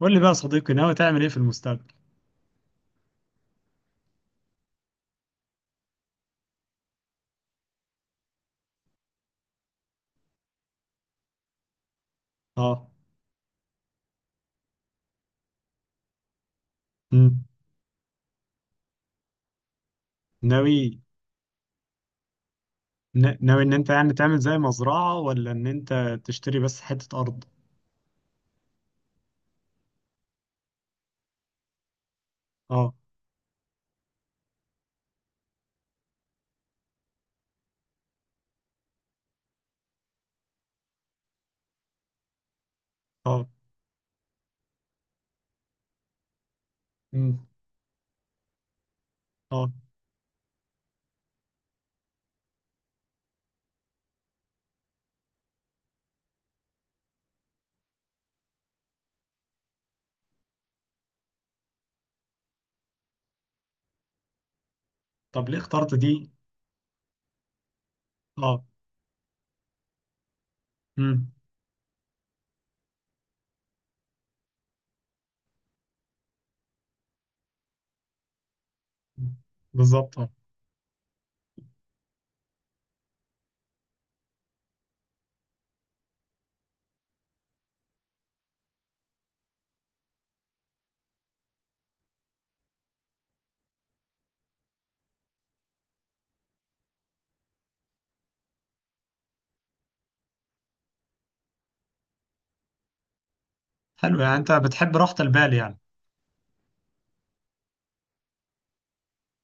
قول لي بقى يا صديقي، ناوي تعمل ايه في المستقبل؟ اه. امم. ناوي. ناوي ان انت يعني تعمل زي مزرعة ولا ان انت تشتري بس حتة ارض؟ اه. اه. امم. اه. طب ليه اخترت دي؟ اه. امم. بالظبط، اه. حلو، يعني انت بتحب راحة البال يعني.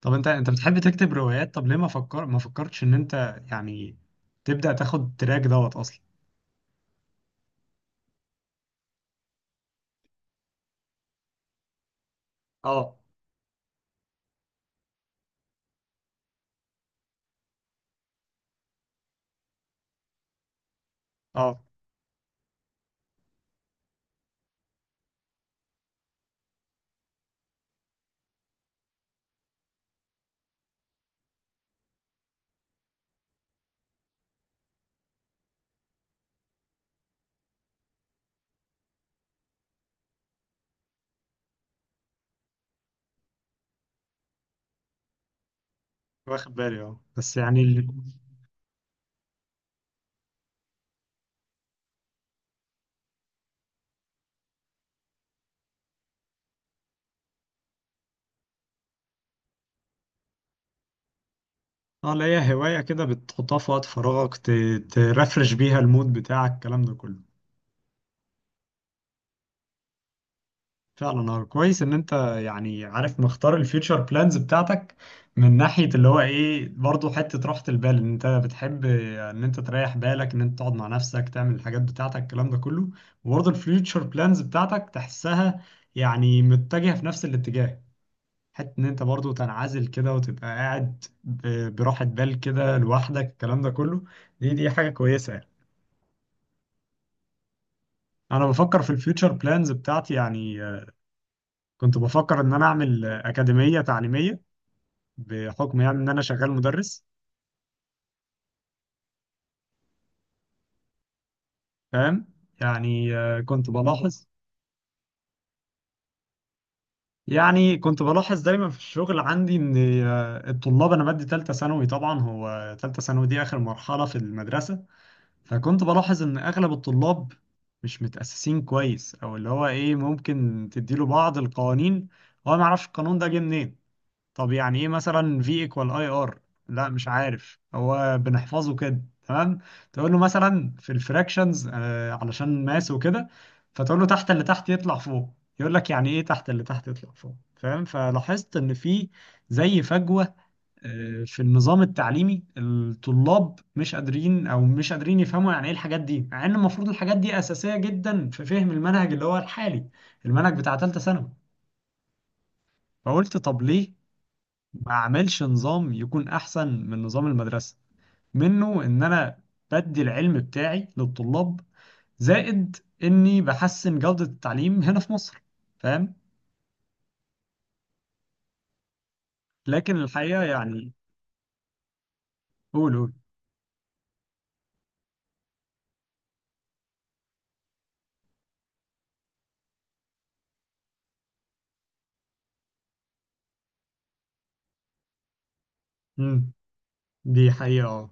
طب انت بتحب تكتب روايات، طب ليه ما فكرتش ان انت يعني تبدأ تاخد تراك دوت اصلا؟ اه. اه. واخد بالي، اه، بس يعني. اه، لا هي هواية كده بتحطها في وقت فراغك، ترفرش بيها المود بتاعك الكلام ده كله. فعلا، اه. كويس ان انت يعني عارف، مختار الفيوتشر بلانز بتاعتك من ناحية اللي هو ايه، برضو حتة راحة البال، ان انت بتحب ان انت تريح بالك، ان انت تقعد مع نفسك تعمل الحاجات بتاعتك الكلام ده كله. وبرضو الفيوتشر بلانز بتاعتك تحسها يعني متجهة في نفس الاتجاه. حتة ان انت برضو تنعزل كده وتبقى قاعد براحة بال كده لوحدك الكلام ده كله. دي حاجة كويسة يعني. انا بفكر في الفيوتشر بلانز بتاعتي يعني. كنت بفكر ان انا اعمل اكاديميه تعليميه بحكم يعني ان انا شغال مدرس. فاهم. يعني كنت بلاحظ. يعني كنت بلاحظ دايما في الشغل عندي ان الطلاب، انا بدي ثالثه ثانوي، طبعا هو ثالثه ثانوي دي اخر مرحله في المدرسه. فكنت بلاحظ ان اغلب الطلاب مش متاسسين كويس، او اللي هو ايه، ممكن تديله بعض القوانين هو ما يعرفش القانون ده جه منين. طب يعني ايه مثلا في ايكوال اي ار؟ لا مش عارف، هو بنحفظه كده تمام. تقول له مثلا في الفراكشنز آه علشان ماس وكده، فتقول له تحت اللي تحت يطلع فوق. يقول لك يعني ايه تحت اللي تحت يطلع فوق؟ فاهم. فلاحظت ان في زي فجوة في النظام التعليمي، الطلاب مش قادرين، او مش قادرين يفهموا يعني ايه الحاجات دي، مع ان المفروض الحاجات دي اساسية جدا في فهم المنهج اللي هو الحالي، المنهج بتاع ثالثة ثانوي. فقلت طب ليه ما اعملش نظام يكون احسن من نظام المدرسه، منه ان انا بدي العلم بتاعي للطلاب، زائد اني بحسن جوده التعليم هنا في مصر. فاهم. لكن الحقيقه يعني. قول، قول. امم. دي حقيقه، اه.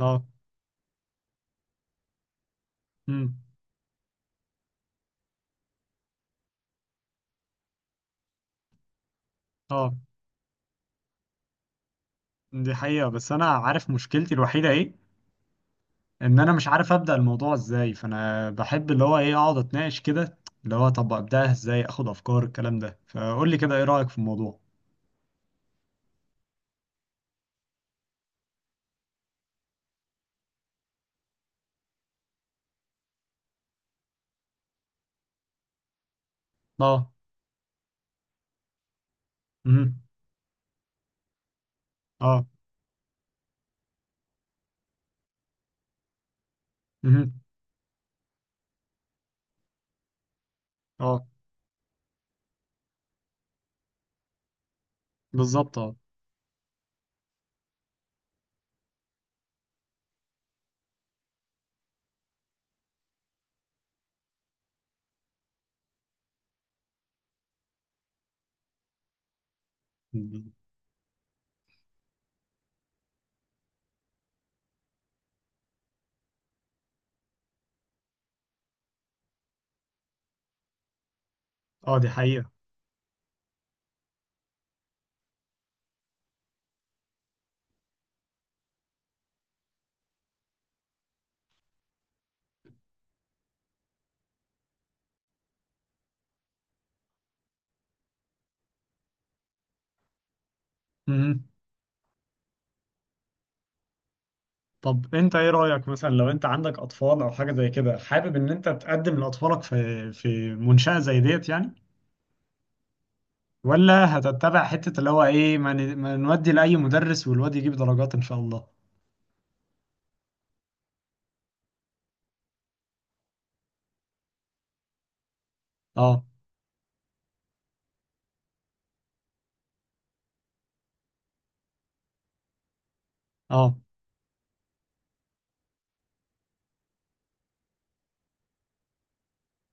اه. امم. اه. دي حقيقه بس انا عارف مشكلتي الوحيده ايه، ان انا مش عارف ابدا الموضوع ازاي، فانا بحب اللي هو ايه اقعد اتناقش كده، اللي هو طب ابداها ازاي، اخد افكار الكلام ده. فقول لي كده، ايه رايك في الموضوع؟ اه. امم. اه. مهم. اه. بالظبط، اه. اه. دي حقيقة. مهم. طب انت، ايه رأيك مثلا لو انت عندك اطفال او حاجة زي كده، حابب ان انت تقدم لاطفالك في منشأة زي ديت يعني، ولا هتتبع حتة اللي هو ايه، ما نودي لأي مدرس والواد يجيب درجات ان شاء الله؟ اه. اه.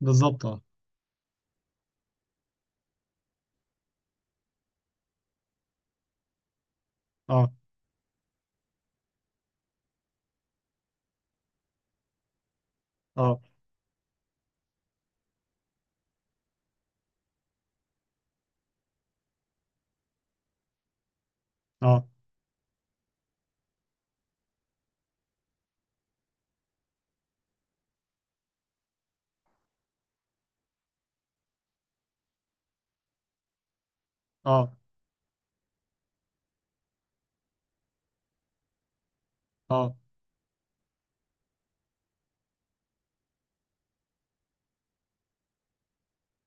بالظبط، اه. اه. اه. اه. اه. اه.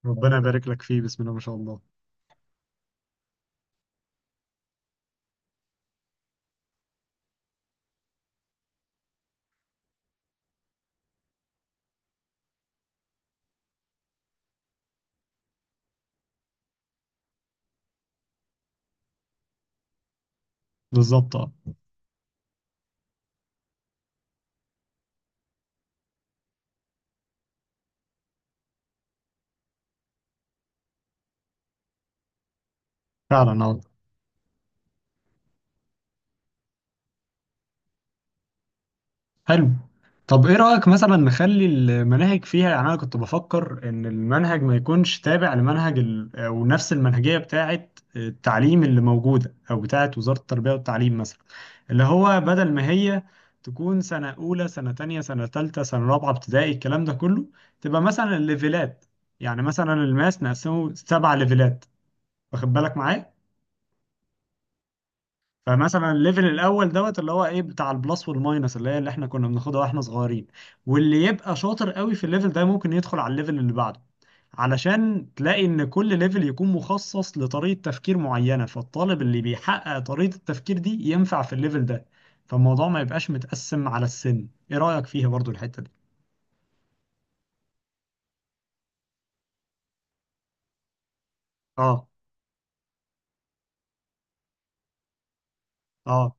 ربنا يبارك لك فيه، بسم الله ما شاء الله. بالظبط، اه. فعلا، اه. حلو. طب ايه رأيك مثلا نخلي المناهج فيها، يعني انا كنت بفكر ان المنهج ما يكونش تابع لمنهج ال... او نفس المنهجية بتاعة التعليم اللي موجودة، او بتاعة وزارة التربية والتعليم مثلا. اللي هو بدل ما هي تكون سنة أولى سنة تانية سنة تالتة سنة رابعة ابتدائي الكلام ده كله، تبقى مثلا الليفلات. يعني مثلا الماس نقسمه 7 ليفلات، واخد بالك معايا؟ فمثلا الليفل الاول دوت اللي هو ايه بتاع البلس والماينس، اللي هي اللي احنا كنا بناخدها واحنا صغيرين. واللي يبقى شاطر قوي في الليفل ده ممكن يدخل على الليفل اللي بعده، علشان تلاقي ان كل ليفل يكون مخصص لطريقة تفكير معينة، فالطالب اللي بيحقق طريقة التفكير دي ينفع في الليفل ده. فالموضوع ما يبقاش متقسم على السن. ايه رأيك فيها برضو الحتة دي؟ اه. اه.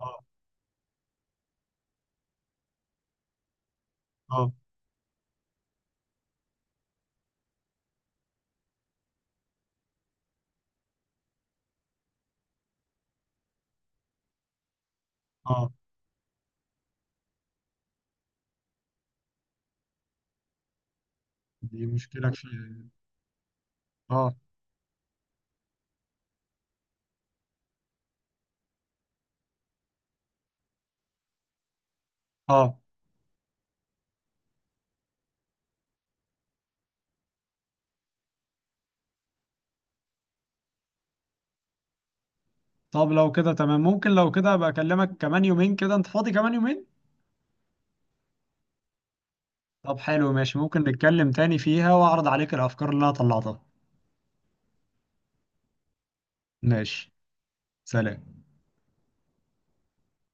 اه. اه. اه. دي مشكلة فيها. اه. اه. طب لو كده تمام، ممكن لو كده ابقى اكلمك كمان يومين كده، انت فاضي كمان يومين؟ طب حلو، ماشي، ممكن نتكلم تاني فيها واعرض عليك الافكار اللي انا طلعتها. ماشي. سلام.